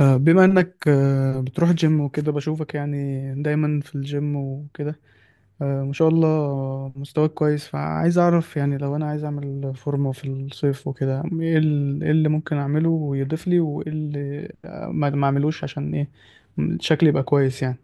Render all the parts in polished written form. بما انك بتروح جيم وكده بشوفك يعني دايما في الجيم وكده. ما شاء الله مستواك كويس، فعايز اعرف يعني لو انا عايز اعمل فورمة في الصيف وكده ايه إيه اللي ممكن اعمله ويضيف لي، وايه اللي ما اعملوش عشان ايه شكلي يبقى كويس يعني.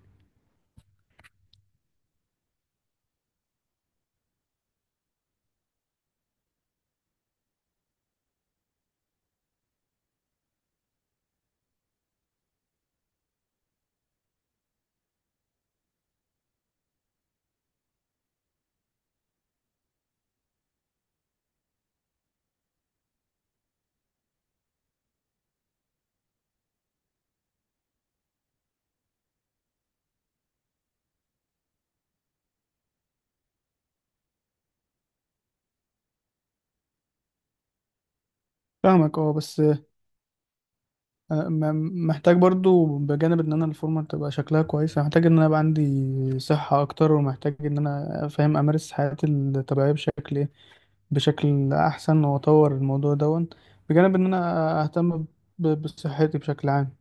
فاهمك اه، بس محتاج برضو، بجانب ان انا الفورمة تبقى شكلها كويس، محتاج ان انا يبقى عندي صحة اكتر، ومحتاج ان انا فاهم امارس حياتي الطبيعية بشكل ايه، بشكل احسن، واطور الموضوع دون، بجانب ان انا اهتم بصحتي بشكل عام.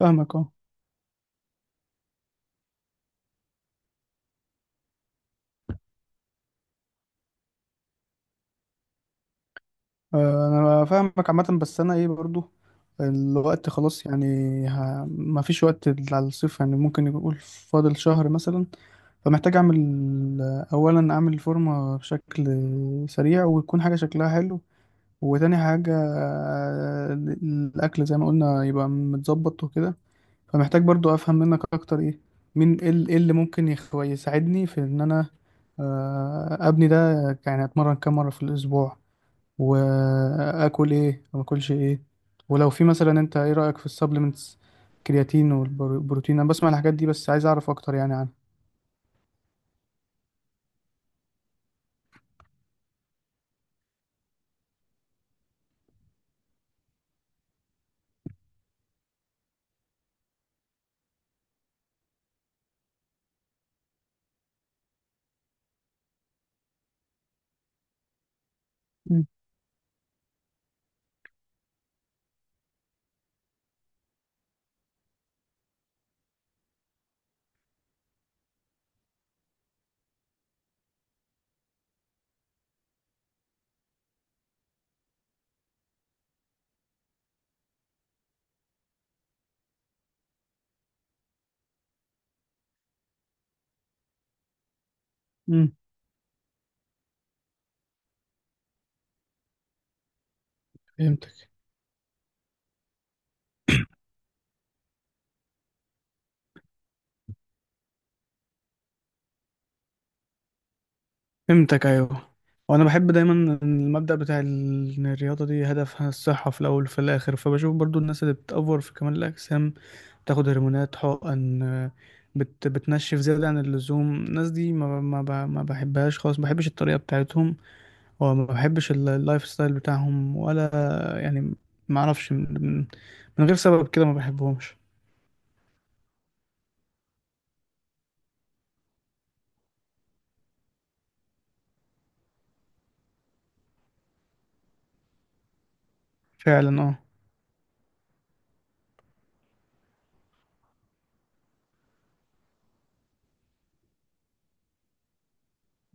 فاهمك اه. انا فاهمك عامه، بس انا ايه برضو الوقت خلاص يعني. ما فيش وقت على الصيف يعني، ممكن يقول فاضل شهر مثلا. فمحتاج اعمل اولا اعمل فورمه بشكل سريع ويكون حاجه شكلها حلو، وتاني حاجه الاكل زي ما قلنا يبقى متظبط وكده. فمحتاج برضو افهم منك اكتر ايه، مين، ايه إيه اللي ممكن يساعدني في ان انا ابني ده، يعني اتمرن كام مره في الاسبوع، واكل ايه وما اكلش ايه، ولو في مثلا، انت ايه رايك في السبلمنتس؟ كرياتين والبروتين، انا بسمع الحاجات دي بس عايز اعرف اكتر يعني عنها. مم. مم. فهمتك. فهمتك ايوه. وانا بحب دايما المبدأ بتاع ان الرياضه دي هدفها الصحه في الاول وفي الاخر. فبشوف برضو الناس اللي بتأفور في كمال الاجسام بتاخد هرمونات حقن، آه، بت بتنشف زيادة عن اللزوم. الناس دي ما ما بحبهاش خالص، ما بحبش الطريقة بتاعتهم، وما بحبش اللايف ستايل بتاعهم ولا يعني. ما اعرفش من من غير سبب كده ما بحبهمش. فعلا اه.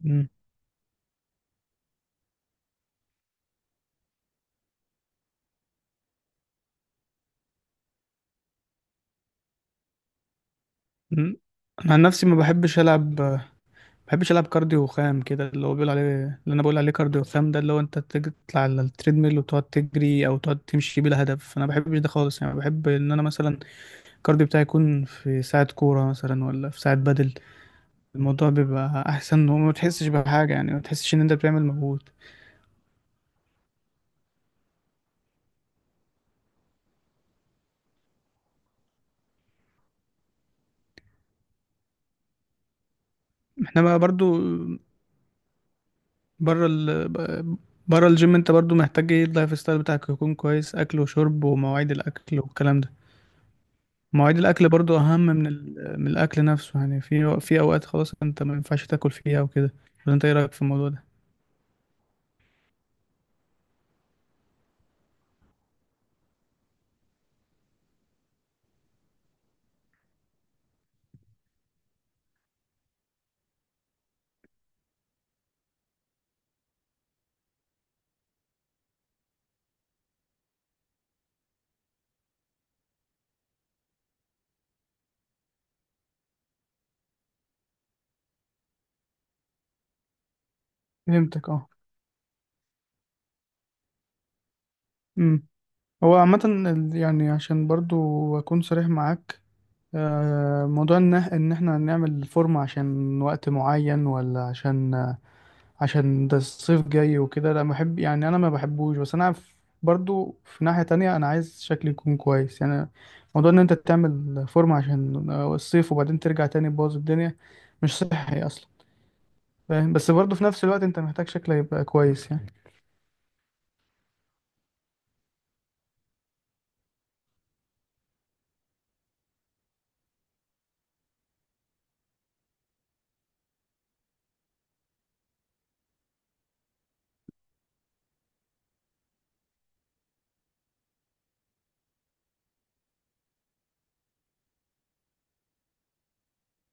مم. مم. انا عن نفسي ما بحبش العب، ما بحبش العب كارديو خام كده، اللي هو بيقول عليه، اللي انا بقول عليه كارديو خام ده، اللي هو انت تطلع على التريدميل وتقعد تجري او تقعد تمشي بلا هدف. انا ما بحبش ده خالص يعني. بحب ان انا مثلا الكارديو بتاعي يكون في ساعة كورة مثلا، ولا في ساعة بدل. الموضوع بيبقى أحسن وما تحسش بحاجة يعني، ما تحسش إن أنت بتعمل مجهود. احنا بقى برضو بره بره الجيم، انت برضو محتاج ايه، اللايف ستايل بتاعك يكون كويس، اكل وشرب ومواعيد الاكل والكلام ده. مواعيد الاكل برضو اهم من من الاكل نفسه يعني، في اوقات خلاص انت ما ينفعش تاكل فيها وكده. ولا انت ايه رايك في الموضوع ده؟ فهمتك اه. امم. هو عامة يعني عشان برضو أكون صريح معاك، موضوع ان احنا نعمل فورمة عشان وقت معين، ولا عشان عشان ده الصيف جاي وكده، لا بحب يعني، انا ما بحبوش. بس انا برضو في ناحية تانية انا عايز شكلي يكون كويس يعني. موضوع ان انت تعمل فورمة عشان الصيف وبعدين ترجع تاني تبوظ الدنيا مش صحي اصلا. فاهم، بس برضو في نفس الوقت انت محتاج شكلك يبقى كويس يعني.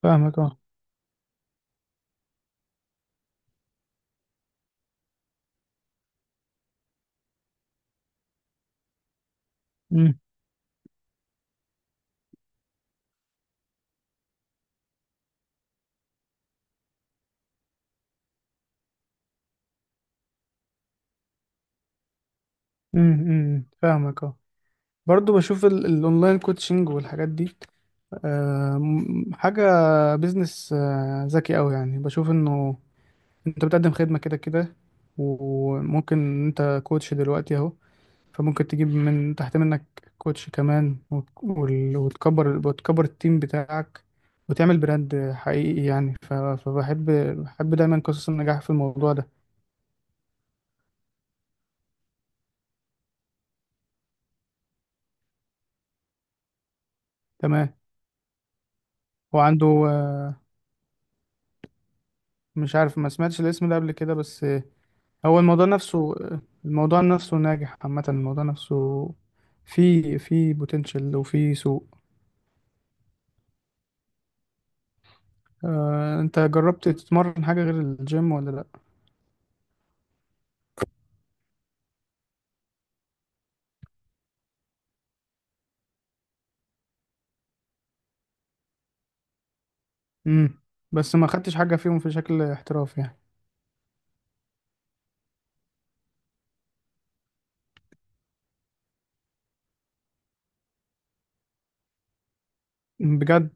فاهمك اه. امم. امم. أمم، فاهمك اه. برضو بشوف الاونلاين كوتشنج والحاجات دي حاجة بيزنس ذكي أوي يعني. بشوف إنه أنت بتقدم خدمة كده كده، وممكن أنت كوتش دلوقتي أهو، فممكن تجيب من تحت منك كوتش كمان، وتكبر، وتكبر التيم بتاعك، وتعمل براند حقيقي يعني. فبحب، بحب دايما قصص النجاح في الموضوع ده. تمام. هو عنده مش عارف، ما سمعتش الاسم ده قبل كده، بس هو الموضوع نفسه، الموضوع نفسه ناجح عامة، الموضوع نفسه في بوتنشال وفي سوق. انت جربت تتمرن حاجة غير الجيم ولا لا؟ امم. بس ما خدتش حاجة فيهم في شكل احتراف يعني. بجد؟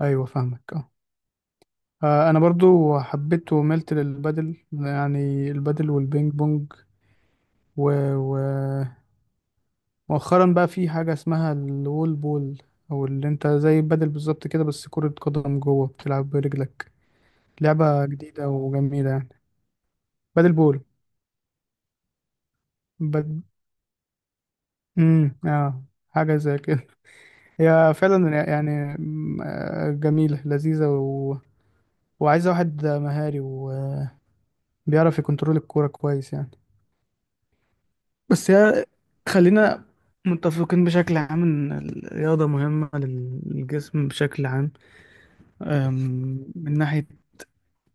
ايوه، فاهمك اه. انا برضو حبيت وملت للبادل يعني، البادل والبينج بونج. و... و... مؤخرا بقى في حاجة اسمها الوول بول، او اللي انت زي البادل بالظبط كده بس كرة قدم جوه، بتلعب برجلك. لعبة جديدة وجميلة يعني. بادل بول. باد... مم، اه. حاجة زي كده. هي فعلا يعني، مم، جميلة لذيذة، و... وعايزة واحد مهاري وبيعرف يكنترول الكورة كويس يعني. بس هي خلينا متفقين بشكل عام إن الرياضة مهمة للجسم بشكل عام. أم، من ناحية،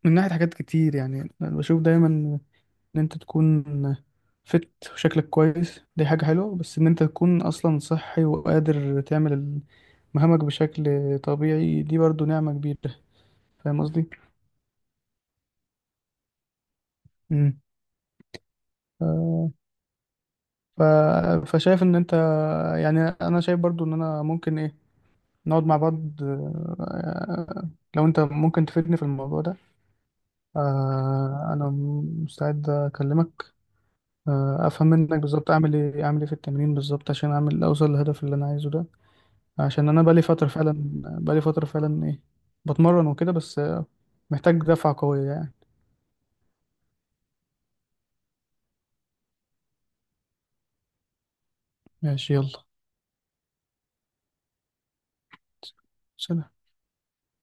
من ناحية حاجات كتير يعني. أنا بشوف دايما ان انت تكون فت وشكلك كويس دي حاجة حلوة، بس ان انت تكون اصلا صحي وقادر تعمل مهامك بشكل طبيعي دي برضو نعمة كبيرة. فاهم قصدي؟ مم. ف- ف... فشايف ان انت، يعني انا شايف برضو ان انا ممكن ايه، نقعد مع بعض، لو انت ممكن تفيدني في الموضوع ده. انا مستعد اكلمك، افهم منك بالظبط اعمل ايه، اعمل ايه في التمرين بالظبط، عشان اعمل اوصل للهدف اللي انا عايزه ده. عشان انا بقالي فتره فعلا، بقالي فتره فعلا ايه، بتمرن وكده، بس محتاج دفعه قويه يعني. ماشي يلا. سلام.